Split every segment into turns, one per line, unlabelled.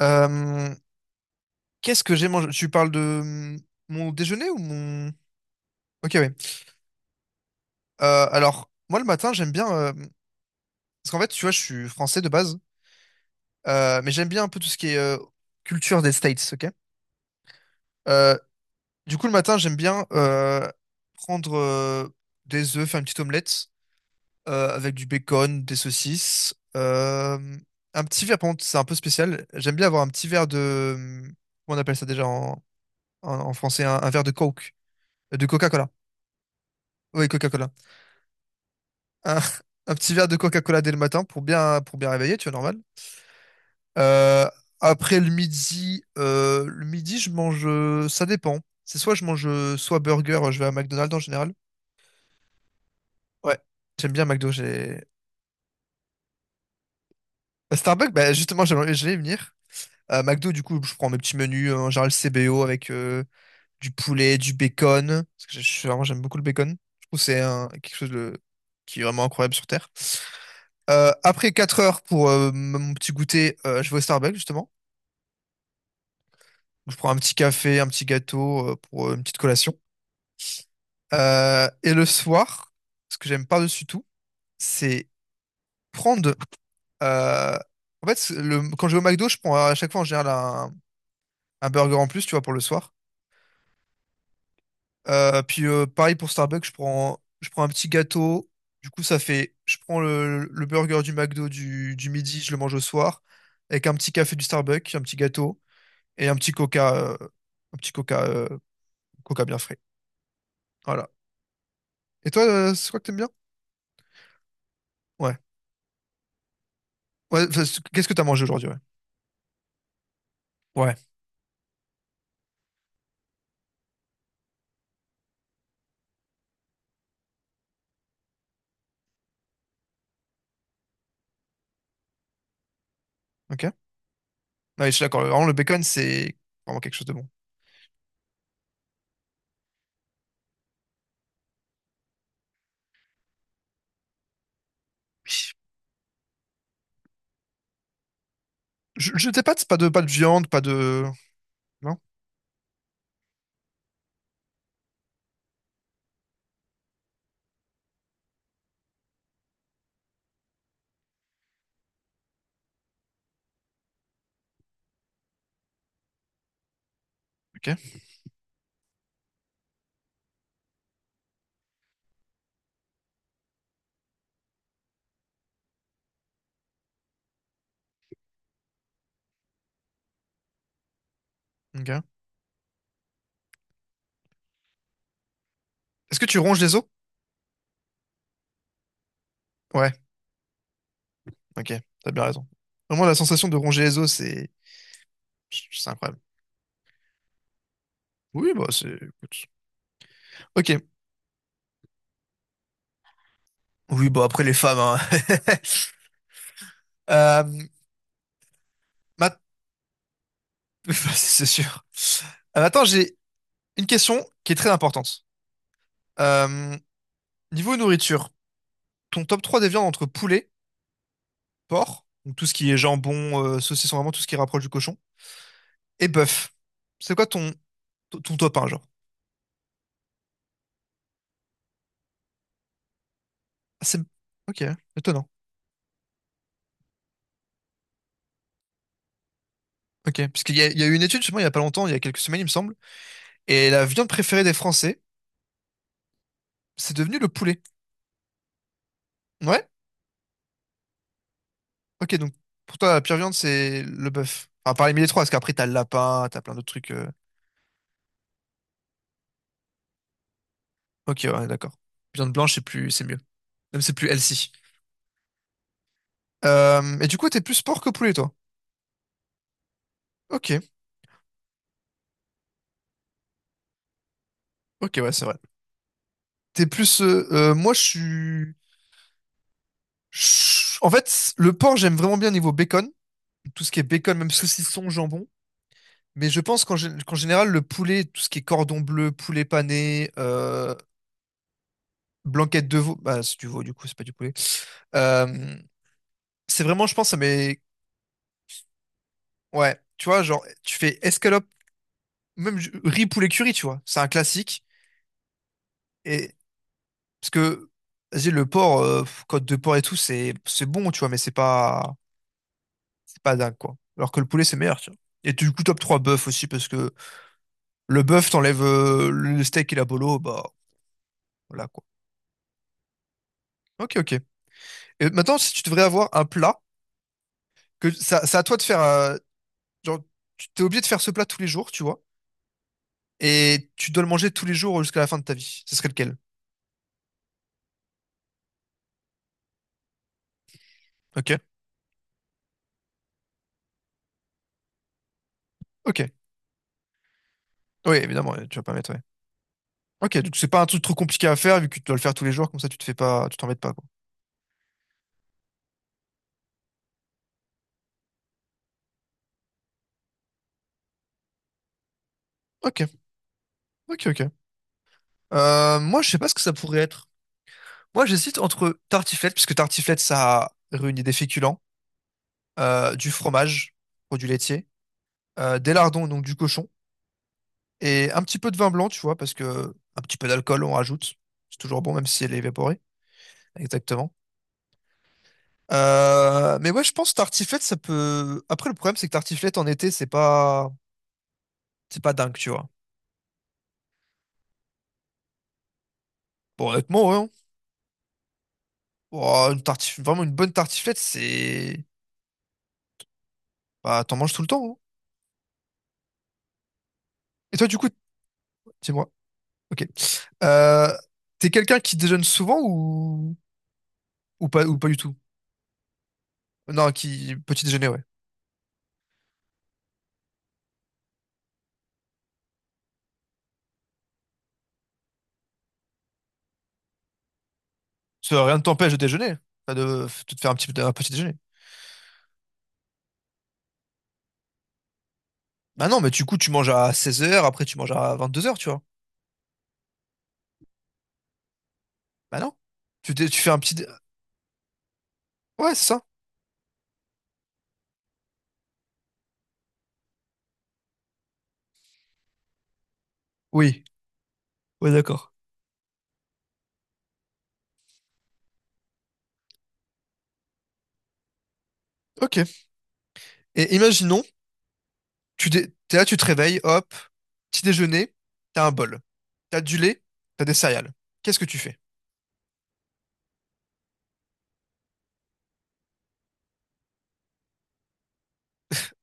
Euh, Qu'est-ce que j'ai mangé? Tu parles de mon déjeuner ou mon... Ok, oui. Alors, moi, le matin, j'aime bien. Parce qu'en fait, tu vois, je suis français de base, mais j'aime bien un peu tout ce qui est culture des States, ok? Euh, du coup, le matin, j'aime bien prendre des œufs, faire une petite omelette avec du bacon, des saucisses, un petit verre, par contre, c'est un peu spécial. J'aime bien avoir un petit verre de. Comment on appelle ça déjà en français? Un verre de Coke, de Coca-Cola. Oui, Coca-Cola. un, un petit verre de Coca-Cola dès le matin pour bien réveiller, tu vois, normal. Euh, après le midi, je mange, ça dépend. C'est soit je mange soit burger, je vais à McDonald's en général. Ouais, j'aime bien McDo. J'ai Starbucks, bah, justement, j'allais y venir. McDo, du coup, je prends mes petits menus en général CBO avec du poulet, du bacon. Parce que je suis vraiment, j'aime beaucoup le bacon. Je trouve que quelque chose qui est vraiment incroyable sur Terre. Après 4 heures pour mon petit goûter, je vais au Starbucks justement. Je prends un petit café, un petit gâteau pour une petite collation. Et le soir, ce que j'aime par-dessus tout, c'est prendre. euh, En fait, c'est le, quand je vais au McDo, je prends à chaque fois en général un burger en plus, tu vois, pour le soir. Puis pareil pour Starbucks, je prends un petit gâteau. Du coup, ça fait. Je prends le burger du McDo du midi, je le mange au soir, avec un petit café du Starbucks, un petit gâteau et un petit coca, coca bien frais. Voilà. Et toi, c'est quoi que t'aimes bien? Ouais. Ouais, enfin, c- Qu'est-ce que t'as mangé aujourd'hui, ouais. Ouais. Ok. Ouais, je suis d'accord. Vraiment, le bacon, c'est vraiment quelque chose de bon. Je t'ai pas de, pas de, pas de viande, pas de... Non? Ok. Ok. Est-ce que tu ronges les os? Ouais. Ok. T'as bien raison. Vraiment, la sensation de ronger les os, c'est... C'est incroyable. Oui, bah, c'est... écoute. Ok. Oui, bah, après, les femmes, hein. Euh, ma- C'est sûr. Attends, j'ai une question qui est très importante. Euh, niveau nourriture, ton top 3 des viandes entre poulet, porc, donc tout ce qui est jambon, saucisson, vraiment tout ce qui rapproche du cochon, et bœuf. C'est quoi ton top un, genre? Ah, c'est... Ok, étonnant. Ok, parce qu'il y a eu une étude, justement, il y a pas longtemps, il y a quelques semaines, il me semble, et la viande préférée des Français, c'est devenu le poulet. Ouais? Ok, donc pour toi, la pire viande, c'est le bœuf. Enfin, parmi les trois, parce qu'après, t'as le lapin, t'as plein d'autres trucs. Ok, ouais, d'accord. Viande blanche, c'est plus, c'est mieux. Même c'est plus healthy. Et du coup, t'es plus porc que poulet, toi? Ok, ok, ouais, c'est vrai. T'es plus. Moi, je suis. En fait, le porc, j'aime vraiment bien niveau bacon, tout ce qui est bacon, même saucisson, jambon. Mais je pense qu'en général, le poulet, tout ce qui est cordon bleu, poulet pané, blanquette de veau, bah c'est du veau du coup, c'est pas du poulet. Euh, c'est vraiment, je pense, mais ouais, tu vois, genre, tu fais escalope, riz poulet curry, tu vois, c'est un classique. Et parce que, vas-y, le porc, pff, côte de porc et tout, c'est bon, tu vois, mais c'est pas dingue quoi. Alors que le poulet, c'est meilleur, tu vois. Et du coup, top 3 bœuf aussi parce que le bœuf, t'enlèves le steak et la bolo, bah voilà quoi. Ok, ok. Et maintenant, si tu devrais avoir un plat, que ça- c'est à toi de faire. Genre, tu t'es obligé de faire ce plat tous les jours, tu vois. Et tu dois le manger tous les jours jusqu'à la fin de ta vie. Ce serait lequel? Ok, ok. Oui, évidemment, tu vas pas mettre, ouais. Ok, donc c'est pas un truc trop compliqué à faire vu que tu dois le faire tous les jours, comme ça tu te fais pas, tu t'embêtes pas, quoi. Ok, ok, ok. Moi, je sais pas ce que ça pourrait être. Moi, j'hésite entre tartiflette, puisque tartiflette, ça réunit des féculents, du fromage, produits laitiers des lardons, donc du cochon, et un petit peu de vin blanc, tu vois, parce que un petit peu d'alcool, on rajoute. C'est toujours bon, même si elle est évaporée. Exactement. Mais ouais, je pense que tartiflette, ça peut. Après, le problème, c'est que tartiflette en été, c'est pas dingue, tu vois. Bon, honnêtement, ouais. hein. Oh, une tartif... Vraiment, une bonne tartiflette, c'est. Bah, t'en manges tout le temps. Hein. Et toi, du coup, dis-moi. Ok. Euh, t'es quelqu'un qui déjeune souvent ou pas du tout? Non, qui petit déjeuner, ouais. Ça, rien ne t'empêche de déjeuner, enfin, de te faire un petit déjeuner. Bah non, mais du coup, tu manges à 16 heures après tu manges à 22 heures tu vois. Bah non. Tu fais un petit. Ouais, c'est ça. Oui. Ouais, d'accord. Ok. Et imaginons, t'es là, tu te réveilles, hop, petit déjeuner, t'as un bol. T'as du lait, t'as des céréales. Qu'est-ce que tu fais?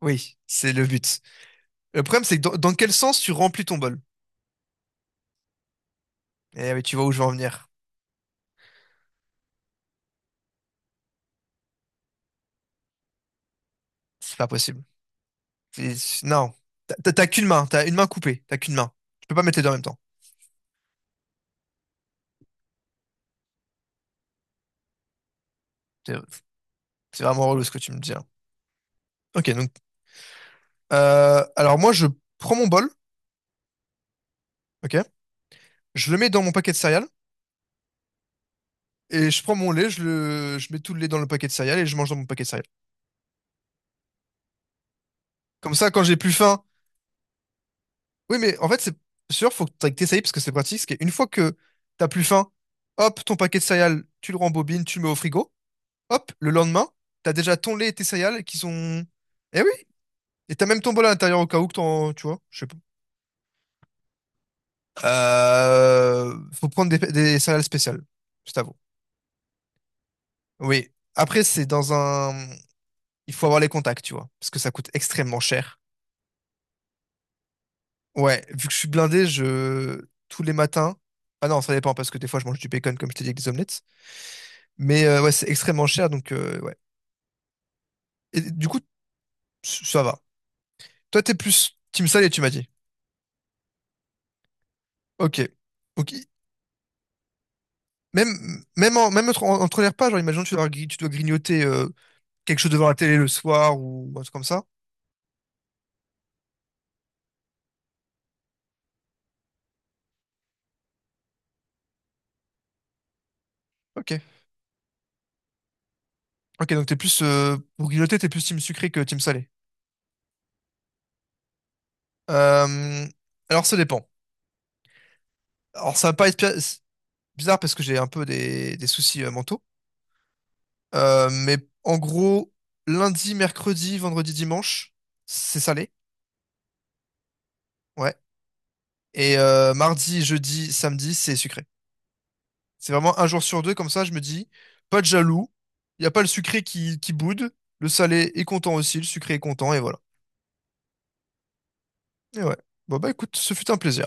Oui, c'est le but. Le problème, c'est que dans quel sens tu remplis ton bol? Eh oui, tu vois où je veux en venir. C'est pas possible. C'est- Non. T'as qu'une main, t'as une main coupée, t'as qu'une main. Tu peux pas mettre les deux en même temps. C'est vraiment relou ce que tu me dis là. Ok, donc. Alors moi, je prends mon bol, ok? Je le mets dans mon paquet de céréales. Et je prends mon lait, je mets tout le lait dans le paquet de céréales et je mange dans mon paquet de céréales. Comme ça, quand j'ai plus faim. Oui, mais en fait, c'est sûr, faut que t'essayes parce que c'est pratique. C'est qu'une fois que t'as plus faim, hop, ton paquet de céréales, tu le rembobines, tu le mets au frigo. Hop, le lendemain, t'as déjà ton lait et tes céréales qui sont. Eh oui! Et t'as même ton bol à l'intérieur au cas où que t'en. Tu vois, je sais pas. Faut prendre des céréales spéciales. C'est à vous. Oui. Après, c'est dans un. Il faut avoir les contacts, tu vois, parce que ça coûte extrêmement cher. Ouais, vu que je suis blindé, je. Tous les matins. Ah non, ça dépend, parce que des fois, je mange du bacon, comme je t'ai dit, avec des omelettes. Mais ouais, c'est extrêmement cher, donc ouais. Et du coup, ça va. Toi, t'es plus team salé, tu m'as dit. Ok. Ok. Même, même, même entre, entre les repas, genre, imagine, tu dois, tu dois grignoter quelque chose devant la télé le soir ou un truc comme ça. Ok. Ok, donc t'es plus. Pour grignoter, t'es plus team sucré que team salé. Euh, alors, ça dépend. Alors, ça va pas être bizarre parce que j'ai un peu des soucis mentaux. Mais en gros, lundi, mercredi, vendredi, dimanche, c'est salé. Ouais. Et mardi, jeudi, samedi, c'est sucré. C'est vraiment un jour sur deux, comme ça, je me dis, pas de jaloux. Il n'y a pas le sucré qui boude. Le salé est content aussi, le sucré est content, et voilà. Et ouais. Bon, bah écoute, ce fut un plaisir.